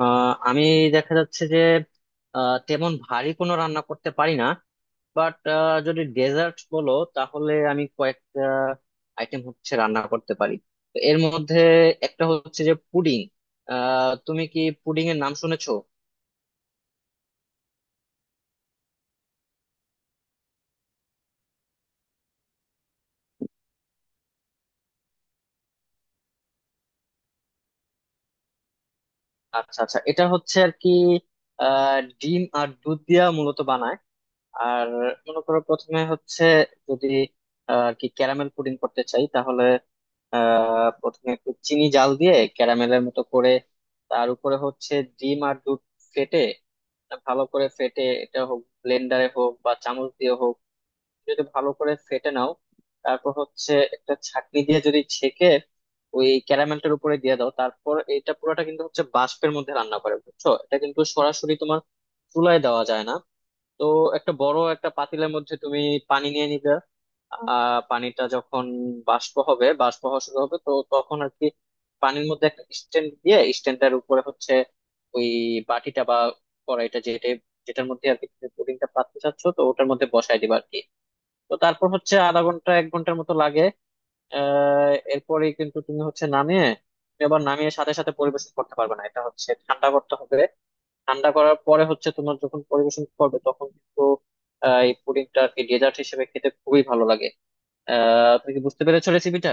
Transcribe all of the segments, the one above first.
আমি দেখা যাচ্ছে যে তেমন ভারী কোনো রান্না করতে পারি না। বাট যদি ডেজার্ট বলো তাহলে আমি কয়েকটা আইটেম হচ্ছে রান্না করতে পারি। তো এর মধ্যে একটা হচ্ছে যে পুডিং। তুমি কি পুডিং এর নাম শুনেছো? আচ্ছা আচ্ছা এটা হচ্ছে আর কি ডিম আর দুধ দিয়া মূলত বানায়। আর মনে করো প্রথমে হচ্ছে যদি আর কি ক্যারামেল পুডিং করতে চাই তাহলে প্রথমে একটু চিনি জাল দিয়ে ক্যারামেলের মতো করে তার উপরে হচ্ছে ডিম আর দুধ ফেটে, ভালো করে ফেটে, এটা হোক ব্লেন্ডারে হোক বা চামচ দিয়ে হোক, যদি ভালো করে ফেটে নাও, তারপর হচ্ছে একটা ছাঁকনি দিয়ে যদি ছেঁকে ওই ক্যারামেলটার উপরে দিয়ে দাও, তারপর এটা পুরোটা কিন্তু হচ্ছে বাষ্পের মধ্যে রান্না করে, বুঝছো? এটা কিন্তু সরাসরি তোমার চুলায় দেওয়া যায় না। তো একটা বড় একটা পাতিলের মধ্যে তুমি পানি নিয়ে নিবে। পানিটা যখন বাষ্প হবে, বাষ্প হওয়া শুরু হবে, তো তখন আর কি পানির মধ্যে একটা স্ট্যান্ড দিয়ে স্ট্যান্ডটার উপরে হচ্ছে ওই বাটিটা বা কড়াইটা যেটা, যেটার মধ্যে আর কি তুমি পুডিংটা পাততে চাচ্ছ, তো ওটার মধ্যে বসায় দিবা আর কি। তো তারপর হচ্ছে আধা ঘন্টা এক ঘন্টার মতো লাগে। এরপরে কিন্তু তুমি হচ্ছে নামিয়ে, তুমি আবার নামিয়ে সাথে সাথে পরিবেশন করতে পারবে না, এটা হচ্ছে ঠান্ডা করতে হবে। ঠান্ডা করার পরে হচ্ছে তোমার যখন পরিবেশন করবে তখন কিন্তু এই পুডিংটা আর কি ডেজার্ট হিসেবে খেতে খুবই ভালো লাগে। তুমি কি বুঝতে পেরেছো রেসিপিটা?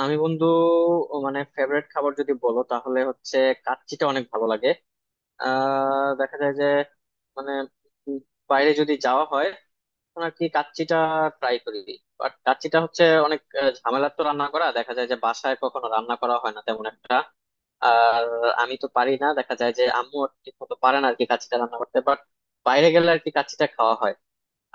আমি বন্ধু ও মানে ফেভারিট খাবার যদি বলো তাহলে হচ্ছে কাচ্চিটা অনেক ভালো লাগে। দেখা যায় যে, মানে, উম বাইরে যদি যাওয়া হয় তখন আর কি কাচ্চিটা ট্রাই করি। বাট কাচ্চিটা হচ্ছে অনেক ঝামেলার, তো রান্না করা দেখা যায় যে বাসায় কখনো রান্না করা হয় না তেমন একটা। আর আমি তো পারি না, দেখা যায় যে আম্মু ঠিক মতো পারে না আর কি কাচ্চিটা রান্না করতে। বাট বাইরে গেলে আর কি কাচ্চিটা খাওয়া হয়।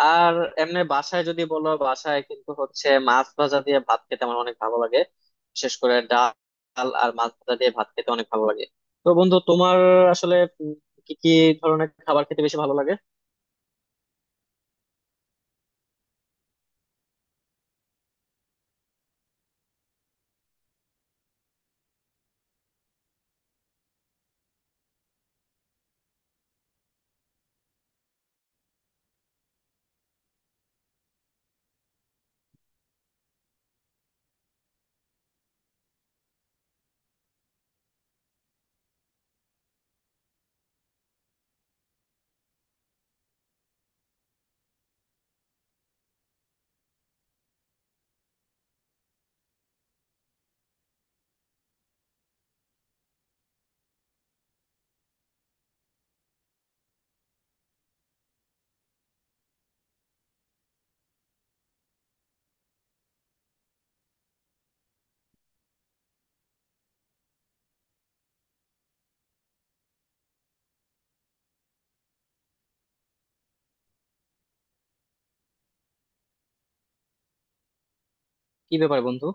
আর এমনি বাসায় যদি বলো, বাসায় কিন্তু হচ্ছে মাছ ভাজা দিয়ে ভাত খেতে আমার অনেক ভালো লাগে। বিশেষ করে ডাল আর মাছ ভাজা দিয়ে ভাত খেতে অনেক ভালো লাগে। তো বন্ধু তোমার আসলে উম, কি কি ধরনের খাবার খেতে বেশি ভালো লাগে? কি ব্যাপার বন্ধু?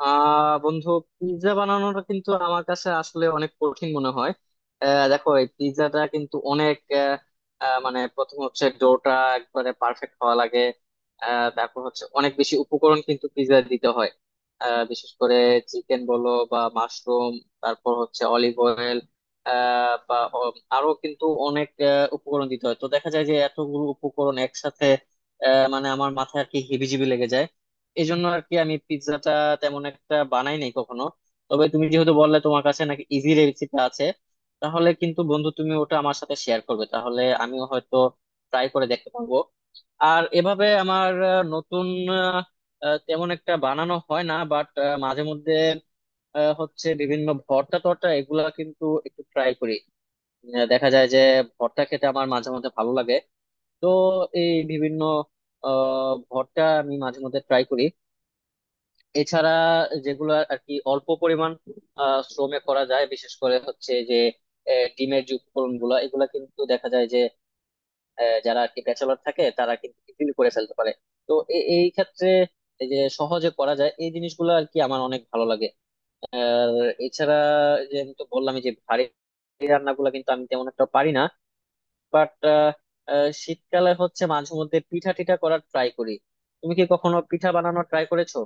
বন্ধু, পিৎজা বানানোটা কিন্তু আমার কাছে আসলে অনেক কঠিন মনে হয়। দেখো এই পিৎজাটা কিন্তু অনেক আহ, আহ, মানে প্রথম হচ্ছে ডোটা একবারে পারফেক্ট হওয়া লাগে। তারপর হচ্ছে অনেক বেশি উপকরণ কিন্তু পিৎজা দিতে হয়। বিশেষ করে চিকেন বলো বা মাশরুম, তারপর হচ্ছে অলিভ অয়েল বা আরো কিন্তু অনেক উপকরণ দিতে হয়। তো দেখা যায় যে এতগুলো উপকরণ একসাথে মানে আমার মাথায় আর কি হিবিজিবি লেগে যায়। এই জন্য আর কি আমি পিৎজাটা তেমন একটা বানাই নাই কখনো। তবে তুমি যেহেতু বললে তোমার কাছে নাকি ইজি রেসিপি আছে, তাহলে কিন্তু বন্ধু তুমি ওটা আমার সাথে শেয়ার করবে, তাহলে আমিও হয়তো ট্রাই করে দেখতে পারবো। আর এভাবে আমার আহ, নতুন আহ, আহ, তেমন একটা বানানো হয় না। বাট মাঝে মধ্যে হচ্ছে বিভিন্ন ভর্তা টর্তা এগুলা কিন্তু একটু ট্রাই করি। দেখা যায় যে ভর্তা খেতে আমার মাঝে মধ্যে ভালো লাগে। তো এই বিভিন্ন ভর্তা আমি মাঝে মধ্যে ট্রাই করি। এছাড়া যেগুলো আর কি অল্প পরিমাণ শ্রমে করা যায়, বিশেষ করে হচ্ছে যে ডিমের যে উপকরণ গুলা, এগুলা কিন্তু দেখা যায় যে যারা আর কি ব্যাচেলর থাকে তারা কিন্তু বিক্রি করে ফেলতে পারে। তো এই ক্ষেত্রে এই যে সহজে করা যায় এই জিনিসগুলো আর কি আমার অনেক ভালো লাগে। আর এছাড়া যে আমি তো বললাম যে ভারী রান্নাগুলো কিন্তু আমি তেমন একটা পারি না। বাট শীতকালে হচ্ছে মাঝে মধ্যে পিঠা টিঠা করার ট্রাই করি। তুমি কি কখনো পিঠা বানানোর ট্রাই করেছো?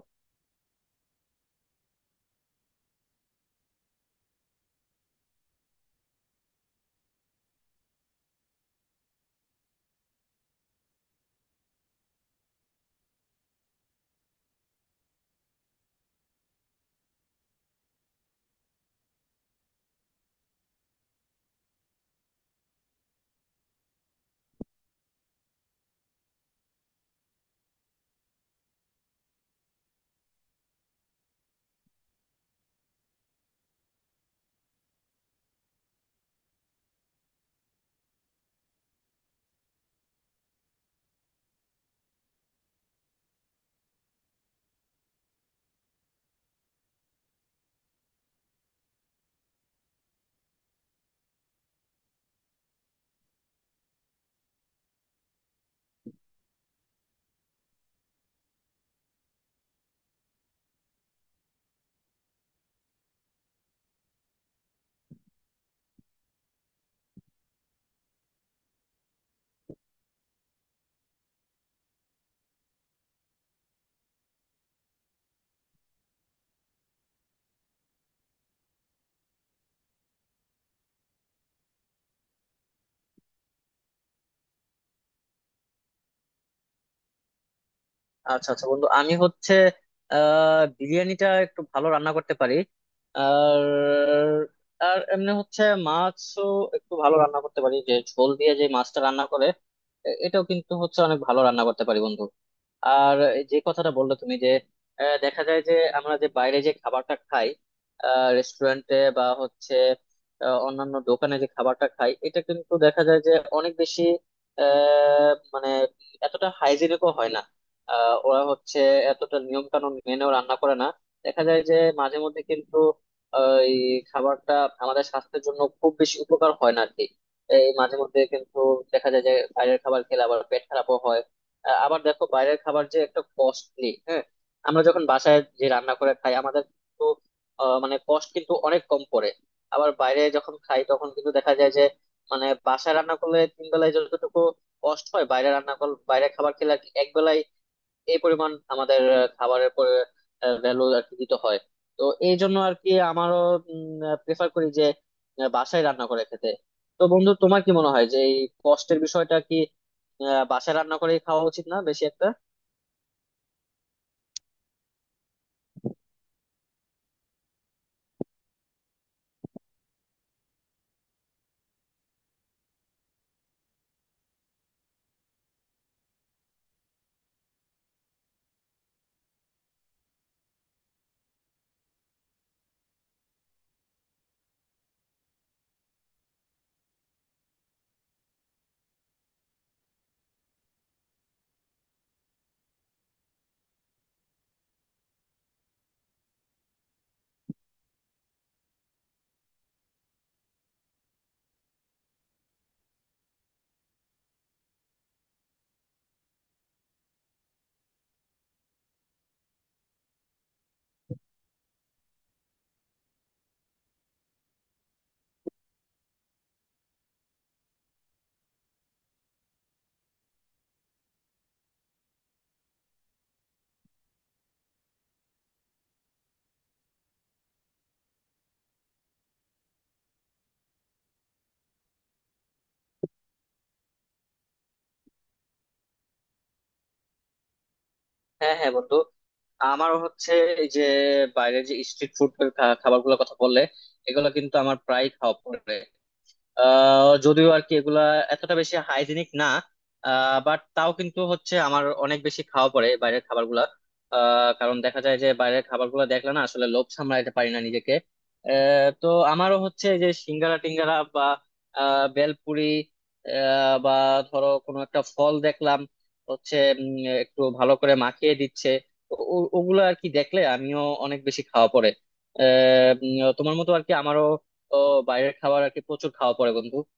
আচ্ছা আচ্ছা বন্ধু আমি হচ্ছে বিরিয়ানিটা একটু ভালো রান্না করতে পারি। আর আর এমনি হচ্ছে মাছও একটু ভালো রান্না করতে পারি, যে ঝোল দিয়ে যে মাছটা রান্না করে এটাও কিন্তু হচ্ছে অনেক ভালো রান্না করতে পারি বন্ধু। আর যে কথাটা বললে তুমি যে দেখা যায় যে আমরা যে বাইরে যে খাবারটা খাই, রেস্টুরেন্টে বা হচ্ছে অন্যান্য দোকানে যে খাবারটা খাই, এটা কিন্তু দেখা যায় যে অনেক বেশি মানে এতটা হাইজিনিকও হয় না। ওরা হচ্ছে এতটা নিয়ম কানুন মেনেও রান্না করে না। দেখা যায় যে মাঝে মধ্যে কিন্তু এই খাবারটা আমাদের স্বাস্থ্যের জন্য খুব বেশি উপকার হয় না আর কি। এই মাঝে মধ্যে কিন্তু দেখা যায় যে বাইরের খাবার খেলে আবার পেট খারাপও হয়। আবার দেখো বাইরের খাবার যে একটা কস্টলি, হ্যাঁ। আমরা যখন বাসায় যে রান্না করে খাই, আমাদের কিন্তু মানে কষ্ট কিন্তু অনেক কম পড়ে। আবার বাইরে যখন খাই তখন কিন্তু দেখা যায় যে মানে বাসায় রান্না করলে তিন বেলায় যতটুকু কষ্ট হয়, বাইরে রান্না করলে, বাইরে খাবার খেলে আর কি এক বেলায় এই পরিমাণ আমাদের খাবারের পরে ভ্যালু আর কি দিতে হয়। তো এই জন্য আর কি আমারও প্রেফার করি যে বাসায় রান্না করে খেতে। তো বন্ধু তোমার কি মনে হয় যে এই কষ্টের বিষয়টা কি বাসায় রান্না করে খাওয়া উচিত না বেশি একটা? হ্যাঁ হ্যাঁ বন্ধু, আমারও হচ্ছে এই যে বাইরে যে স্ট্রিট ফুড খাবার গুলোর কথা বললে, এগুলো কিন্তু আমার প্রায় খাওয়া পড়ে। যদিও আর কি এগুলা এতটা বেশি হাইজিনিক না, বাট তাও কিন্তু হচ্ছে আমার অনেক বেশি খাওয়া পড়ে বাইরের খাবারগুলা। কারণ দেখা যায় যে বাইরের খাবারগুলো দেখলে না আসলে লোভ সামলাইতে পারি না নিজেকে। তো আমারও হচ্ছে এই যে সিঙ্গারা টিঙ্গারা বা বেলপুরি বা ধরো কোনো একটা ফল দেখলাম হচ্ছে, একটু ভালো করে মাখিয়ে দিচ্ছে, তো ওগুলো আর কি দেখলে আমিও অনেক বেশি খাওয়া পড়ে। তোমার মতো আর কি আমারও তো বাইরের খাবার আর কি প্রচুর খাওয়া পড়ে বন্ধু।